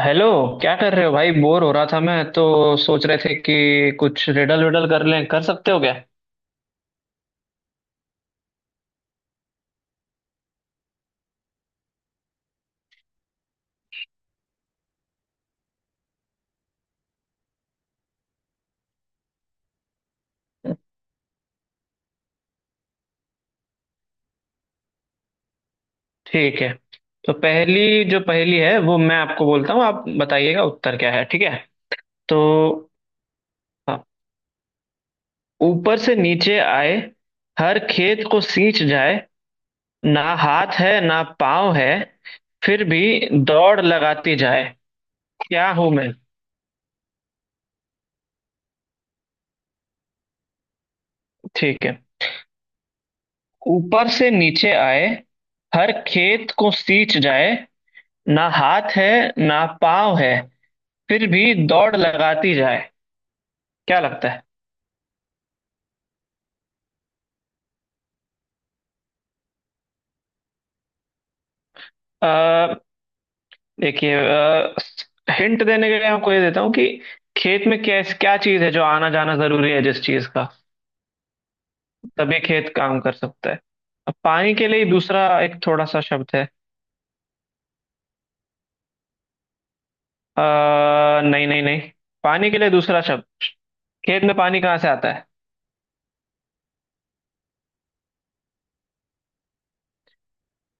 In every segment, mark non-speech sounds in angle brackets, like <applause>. Hello. क्या कर रहे हो भाई? बोर हो रहा था मैं तो, सोच रहे थे कि कुछ रिडल विडल कर लें। कर सकते हो क्या? ठीक है, तो पहली जो पहली है वो मैं आपको बोलता हूँ, आप बताइएगा उत्तर क्या है, ठीक है? तो हाँ, ऊपर से नीचे आए, हर खेत को सींच जाए, ना हाथ है ना पाँव है, फिर भी दौड़ लगाती जाए। क्या हूं मैं? ठीक है। ऊपर से नीचे आए, हर खेत को सींच जाए, ना हाथ है ना पाँव है, फिर भी दौड़ लगाती जाए। क्या लगता है? अ, देखिए, हिंट देने के लिए आपको ये देता हूँ कि खेत में कैस क्या चीज है जो आना जाना जरूरी है, जिस चीज का तभी खेत काम कर सकता है। अब पानी के लिए दूसरा एक थोड़ा सा शब्द है। आ, नहीं नहीं नहीं। पानी के लिए दूसरा शब्द। खेत में पानी कहाँ से आता है?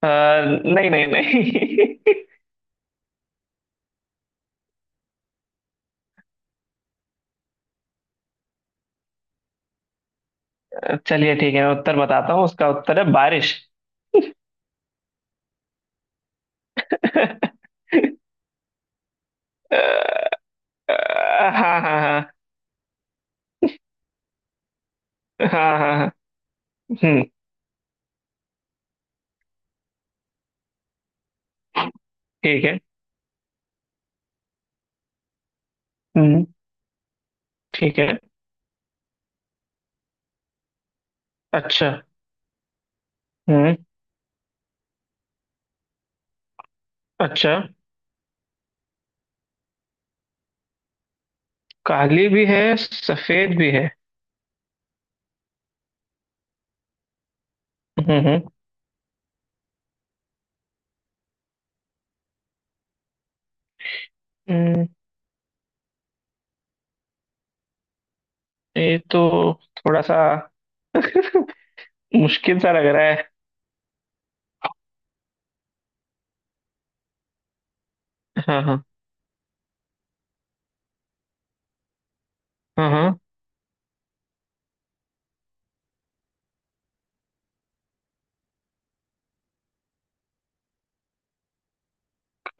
अ, नहीं नहीं नहीं। <laughs> चलिए ठीक है, मैं उत्तर बताता हूँ, उसका उत्तर है बारिश। <laughs> अ, हाँ हाँ हाँ। हाँ हाँ हाँ, हम्म। ठीक है। हम्म। ठीक है। अच्छा। हम्म। अच्छा। काली भी है सफेद भी है। हम्म। हम्म, ये तो थोड़ा सा मुश्किल सा लग रहा है। हाँ हाँ। हाँ हाँ।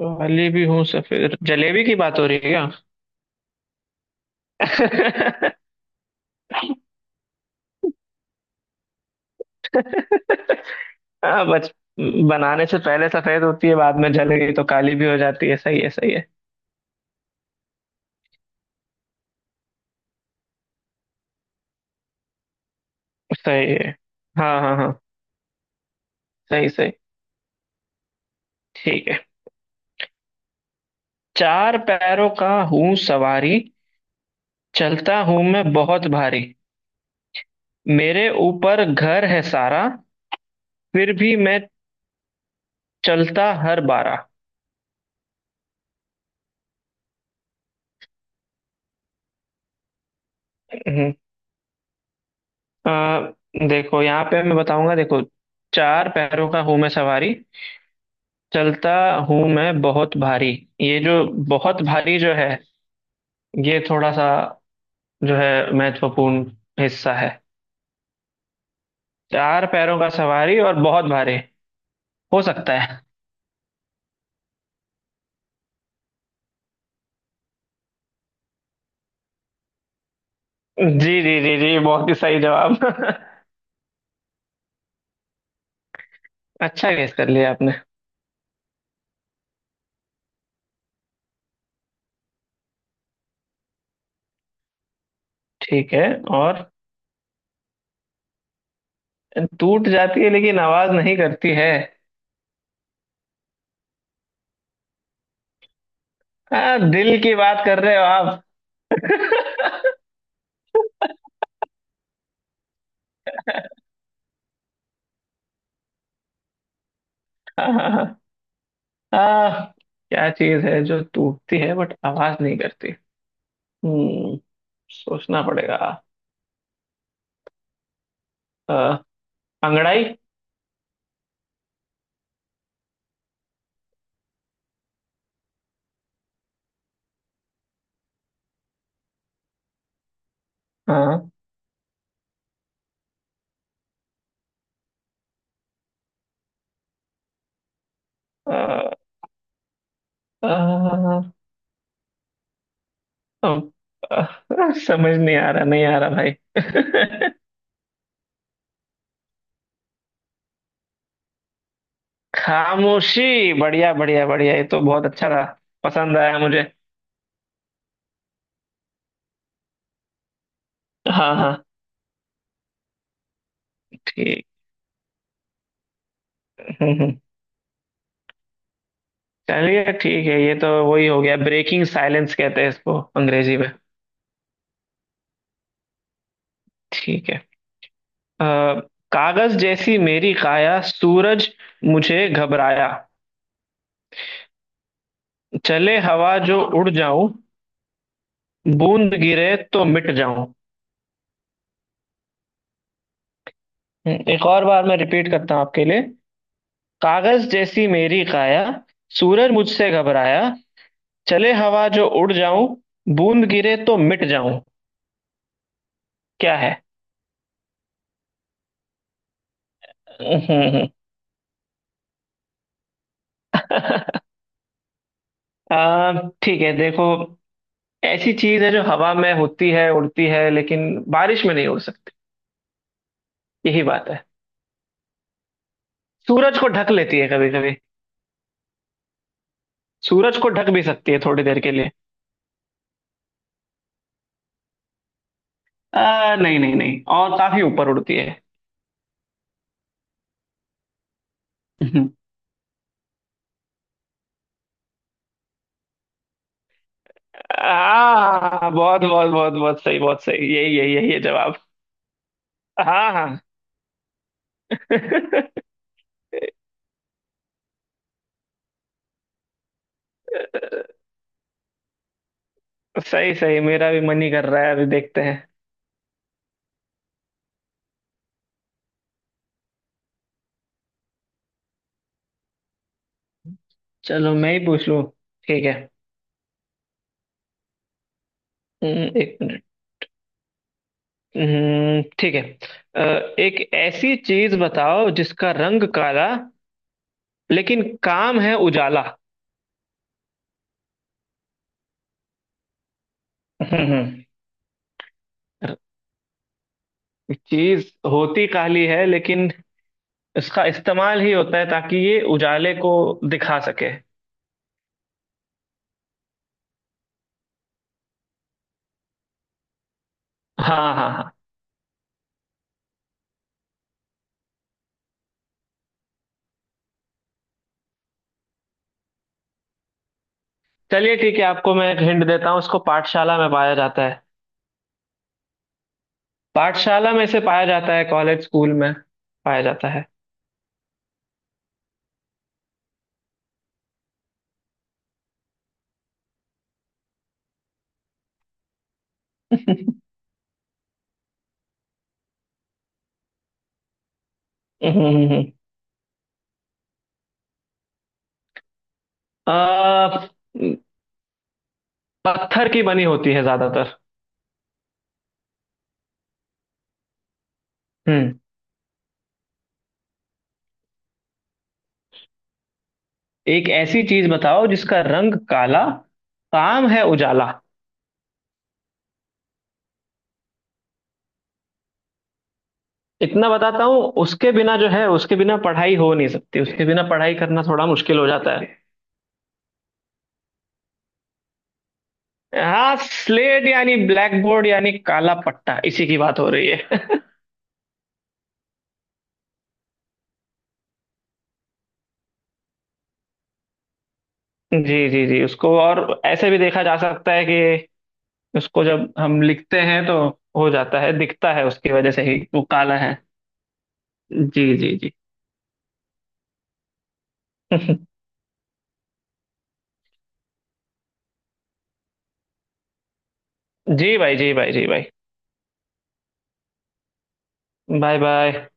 काली भी हूँ सफेद, जलेबी की बात हो रही है क्या? <laughs> हाँ, बच बनाने से पहले सफेद होती है, बाद में जल गई तो काली भी हो जाती है। सही है, सही है। सही है। हाँ हाँ हाँ। सही सही। ठीक है। चार पैरों का हूँ सवारी, चलता हूँ मैं बहुत भारी, मेरे ऊपर घर है सारा, फिर भी मैं चलता हर बारा। हम्म, अ, देखो, यहाँ पे मैं बताऊंगा। देखो, चार पैरों का हूँ मैं सवारी, चलता हूँ मैं बहुत भारी। ये जो बहुत भारी जो है, ये थोड़ा सा जो है महत्वपूर्ण हिस्सा है। चार पैरों का सवारी और बहुत भारी, हो सकता है। जी जी जी जी, बहुत ही सही जवाब। <laughs> अच्छा, गेस कर लिया आपने। ठीक है। और टूट जाती है लेकिन आवाज नहीं करती है? आ, दिल की बात कर रहे हो आप? <laughs> आ, क्या चीज है जो टूटती है बट आवाज नहीं करती? हम्म, सोचना पड़ेगा। आ, अंगड़ाई? हाँ। आ, आ, आ, आ, समझ नहीं आ रहा, नहीं आ रहा भाई। <laughs> खामोशी! बढ़िया बढ़िया बढ़िया, ये तो बहुत अच्छा था। पसंद आया मुझे। हाँ हाँ। ठीक। हम्म, चलिए ठीक है, ये तो वही हो गया, ब्रेकिंग साइलेंस कहते हैं इसको अंग्रेजी में। ठीक है। अ, कागज जैसी मेरी काया, सूरज मुझे घबराया, चले हवा जो उड़ जाऊं, बूंद गिरे तो मिट जाऊं। एक और बार मैं रिपीट करता हूं आपके लिए। कागज जैसी मेरी काया, सूरज मुझसे घबराया, चले हवा जो उड़ जाऊं, बूंद गिरे तो मिट जाऊं। क्या है? हम्म, हम्म, <laughs> हम्म। ठीक है, देखो, ऐसी चीज है जो हवा में होती है, उड़ती है, लेकिन बारिश में नहीं उड़ सकती। यही बात है। सूरज को ढक लेती है कभी कभी। सूरज को ढक भी सकती है थोड़ी देर के लिए। आ, नहीं नहीं नहीं, और काफी ऊपर उड़ती है। <laughs> आ, बहुत बहुत बहुत बहुत सही, बहुत सही, यही यही यही है जवाब। हाँ हाँ। <laughs> सही सही, मेरा भी मन ही कर रहा है, अभी देखते हैं। चलो मैं ही पूछ लूँ। ठीक है। एक मिनट। ठीक है। अ, एक ऐसी चीज बताओ जिसका रंग काला, लेकिन काम है उजाला। हम्म। चीज होती काली है, लेकिन इसका इस्तेमाल ही होता है ताकि ये उजाले को दिखा सके। हाँ हाँ हाँ। चलिए ठीक है, आपको मैं एक हिंट देता हूँ, इसको पाठशाला में पाया जाता है। पाठशाला में से पाया जाता है, कॉलेज स्कूल में पाया जाता है। हम्म हम्म हम्म। आ, पत्थर की बनी होती है ज्यादातर। हम्म, एक ऐसी चीज बताओ जिसका रंग काला, काम है उजाला। इतना बताता हूँ, उसके बिना जो है, उसके बिना पढ़ाई हो नहीं सकती, उसके बिना पढ़ाई करना थोड़ा मुश्किल हो जाता है। हाँ, स्लेट यानी ब्लैक बोर्ड यानी काला पट्टा, इसी की बात हो रही है। <laughs> जी जी जी, उसको और ऐसे भी देखा जा सकता है कि उसको जब हम लिखते हैं तो हो जाता है, दिखता है, उसकी वजह से ही वो काला है। जी जी जी। <laughs> जी भाई, जी भाई, जी भाई। Bye bye.